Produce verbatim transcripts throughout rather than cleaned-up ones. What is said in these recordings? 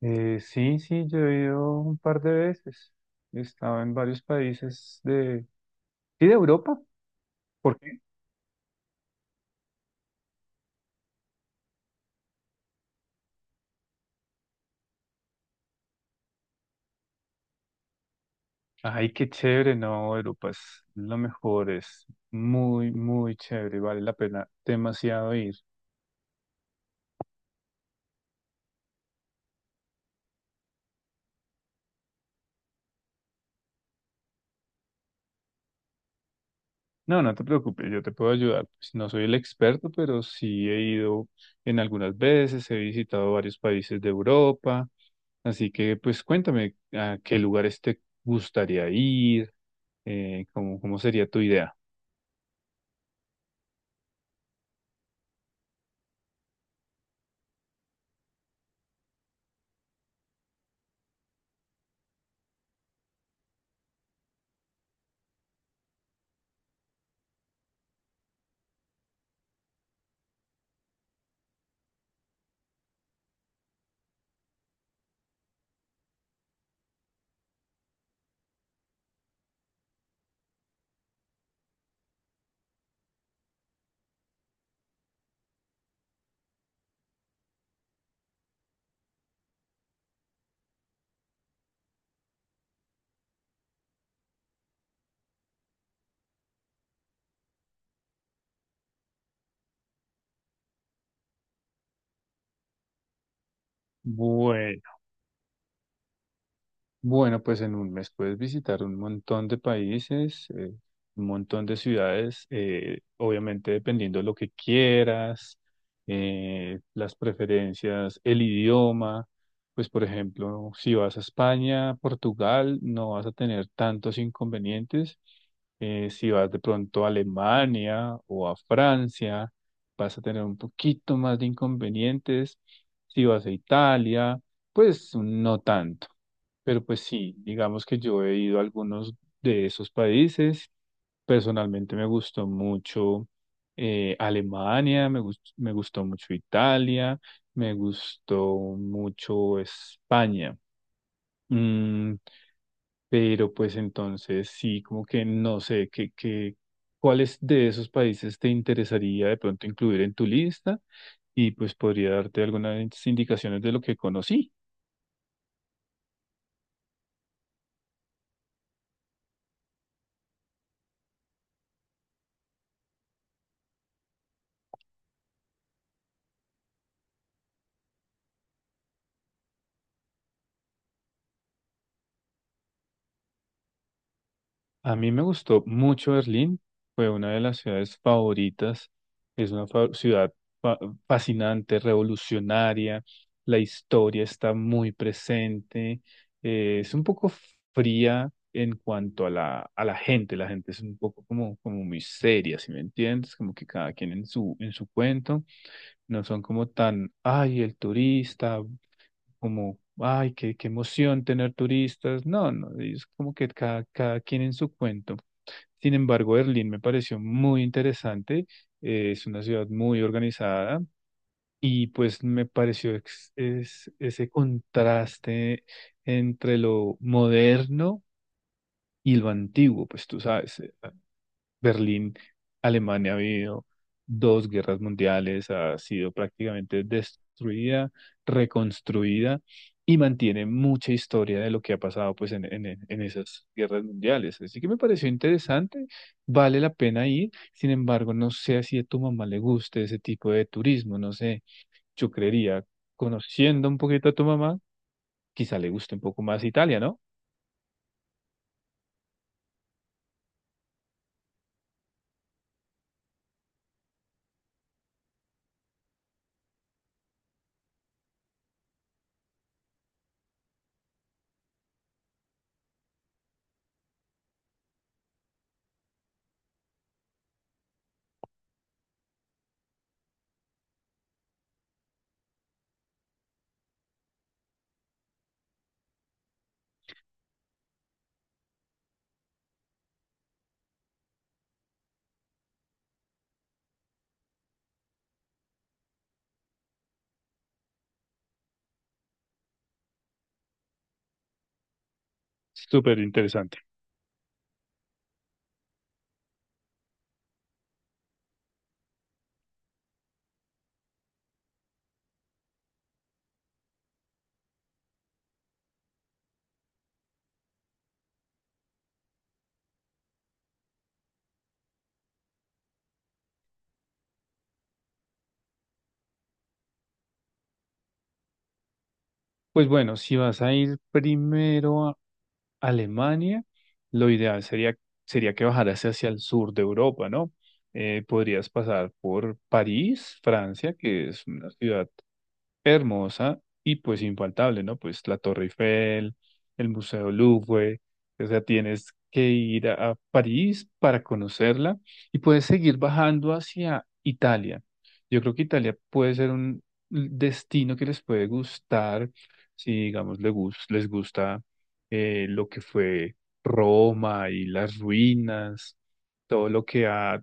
Eh, sí, sí, yo he ido un par de veces. He estado en varios países de... Sí, de Europa. ¿Por qué? Ay, qué chévere, no, Europa es lo mejor, es muy, muy chévere, vale la pena demasiado ir. No, no te preocupes, yo te puedo ayudar. Pues no soy el experto, pero sí he ido en algunas veces, he visitado varios países de Europa. Así que, pues cuéntame a qué lugares te gustaría ir, eh, cómo, cómo sería tu idea. Bueno. Bueno, pues en un mes puedes visitar un montón de países, eh, un montón de ciudades, eh, obviamente dependiendo de lo que quieras, eh, las preferencias, el idioma. Pues por ejemplo, si vas a España, Portugal, no vas a tener tantos inconvenientes. Eh, si vas de pronto a Alemania o a Francia, vas a tener un poquito más de inconvenientes. Si vas a Italia, pues no tanto. Pero pues sí, digamos que yo he ido a algunos de esos países. Personalmente me gustó mucho eh, Alemania, me gust me gustó mucho Italia, me gustó mucho España. Mm, pero pues entonces sí, como que no sé, qué qué- ¿cuáles de esos países te interesaría de pronto incluir en tu lista? Y pues podría darte algunas indicaciones de lo que conocí. A mí me gustó mucho Berlín, fue una de las ciudades favoritas, es una fa- ciudad fa- fascinante, revolucionaria, la historia está muy presente, eh, es un poco fría en cuanto a la, a la gente, la gente es un poco como, como muy seria, ¿si me entiendes? Como que cada quien en su, en su cuento, no son como tan, ay, el turista, como, ay, qué, qué emoción tener turistas. No, no, es como que cada, cada quien en su cuento. Sin embargo, Berlín me pareció muy interesante. Eh, es una ciudad muy organizada y pues me pareció ex- es, ese contraste entre lo moderno y lo antiguo, pues tú sabes. Berlín, Alemania ha habido dos guerras mundiales, ha sido prácticamente destruida, reconstruida y mantiene mucha historia de lo que ha pasado pues en, en, en esas guerras mundiales. Así que me pareció interesante, vale la pena ir, sin embargo, no sé si a tu mamá le guste ese tipo de turismo, no sé, yo creería, conociendo un poquito a tu mamá, quizá le guste un poco más Italia, ¿no? Súper interesante. Pues bueno, si vas a ir primero Alemania, lo ideal sería, sería que bajaras hacia el sur de Europa, ¿no? Eh, podrías pasar por París, Francia, que es una ciudad hermosa y pues infaltable, ¿no? Pues la Torre Eiffel, el Museo Louvre, o sea, tienes que ir a, a París para conocerla y puedes seguir bajando hacia Italia. Yo creo que Italia puede ser un destino que les puede gustar, si digamos le gus- les gusta eh, lo que fue Roma y las ruinas, todo lo que ha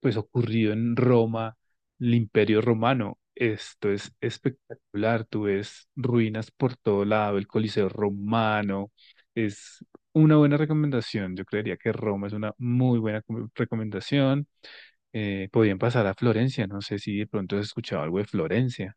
pues ocurrido en Roma, el Imperio Romano. Esto es espectacular, tú ves ruinas por todo lado, el Coliseo Romano, es una buena recomendación, yo creería que Roma es una muy buena com- recomendación. Eh, podrían pasar a Florencia, no sé si de pronto has escuchado algo de Florencia.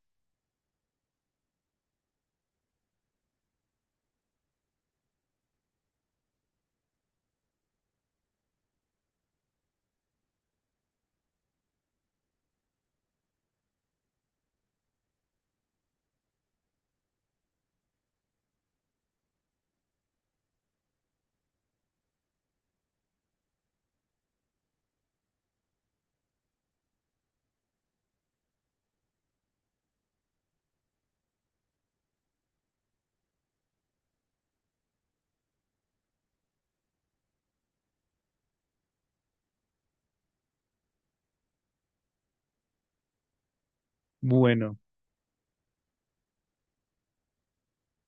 Bueno,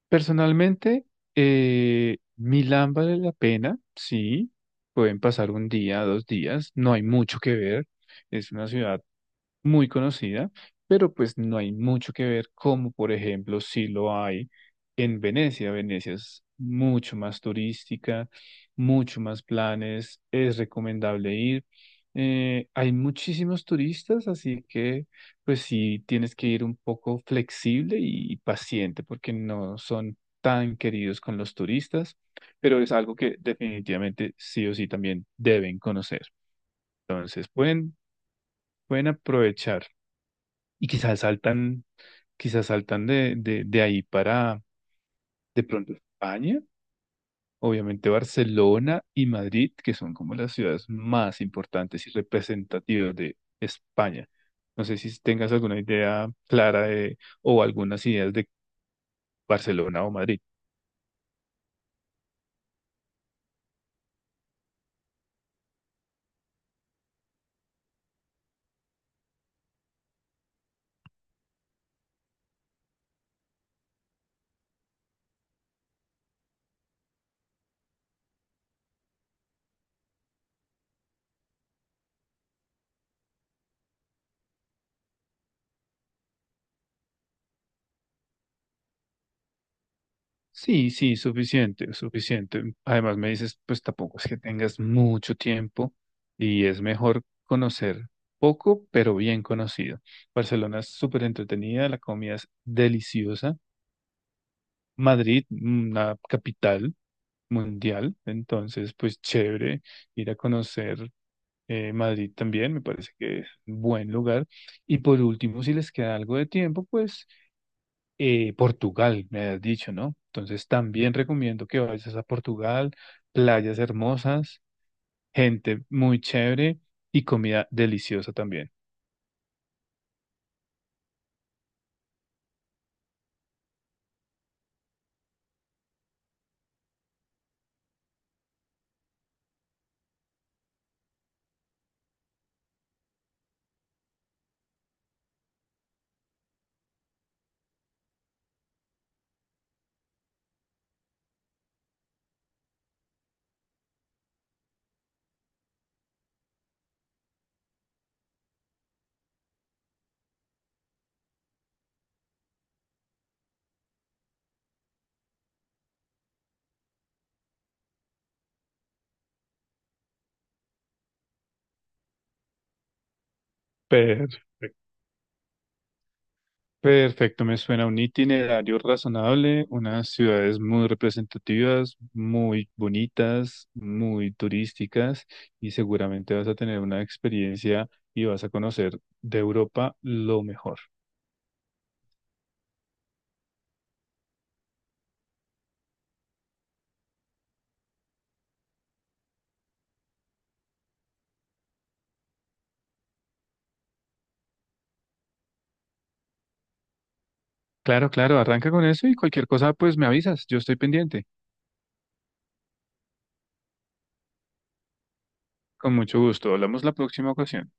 personalmente, eh, Milán vale la pena, sí, pueden pasar un día, dos días, no hay mucho que ver, es una ciudad muy conocida, pero pues no hay mucho que ver como, por ejemplo, si lo hay en Venecia. Venecia es mucho más turística, mucho más planes, es recomendable ir. Eh, hay muchísimos turistas, así que pues sí tienes que ir un poco flexible y paciente porque no son tan queridos con los turistas, pero es algo que definitivamente sí o sí también deben conocer. Entonces pueden, pueden aprovechar. Y quizás saltan, quizás saltan de, de, de ahí para de pronto España, obviamente Barcelona y Madrid, que son como las ciudades más importantes y representativas de España. No sé si tengas alguna idea clara de, o algunas ideas de Barcelona o Madrid. Sí, sí, suficiente, suficiente. Además, me dices, pues tampoco es que tengas mucho tiempo y es mejor conocer poco, pero bien conocido. Barcelona es súper entretenida, la comida es deliciosa. Madrid, una capital mundial, entonces, pues chévere ir a conocer eh, Madrid también, me parece que es un buen lugar. Y por último, si les queda algo de tiempo, pues eh, Portugal, me has dicho, ¿no? Entonces también recomiendo que vayas a Portugal, playas hermosas, gente muy chévere y comida deliciosa también. Perfecto. Perfecto, me suena un itinerario razonable, unas ciudades muy representativas, muy bonitas, muy turísticas y seguramente vas a tener una experiencia y vas a conocer de Europa lo mejor. Claro, claro, arranca con eso y cualquier cosa pues me avisas, yo estoy pendiente. Con mucho gusto. Hablamos la próxima ocasión.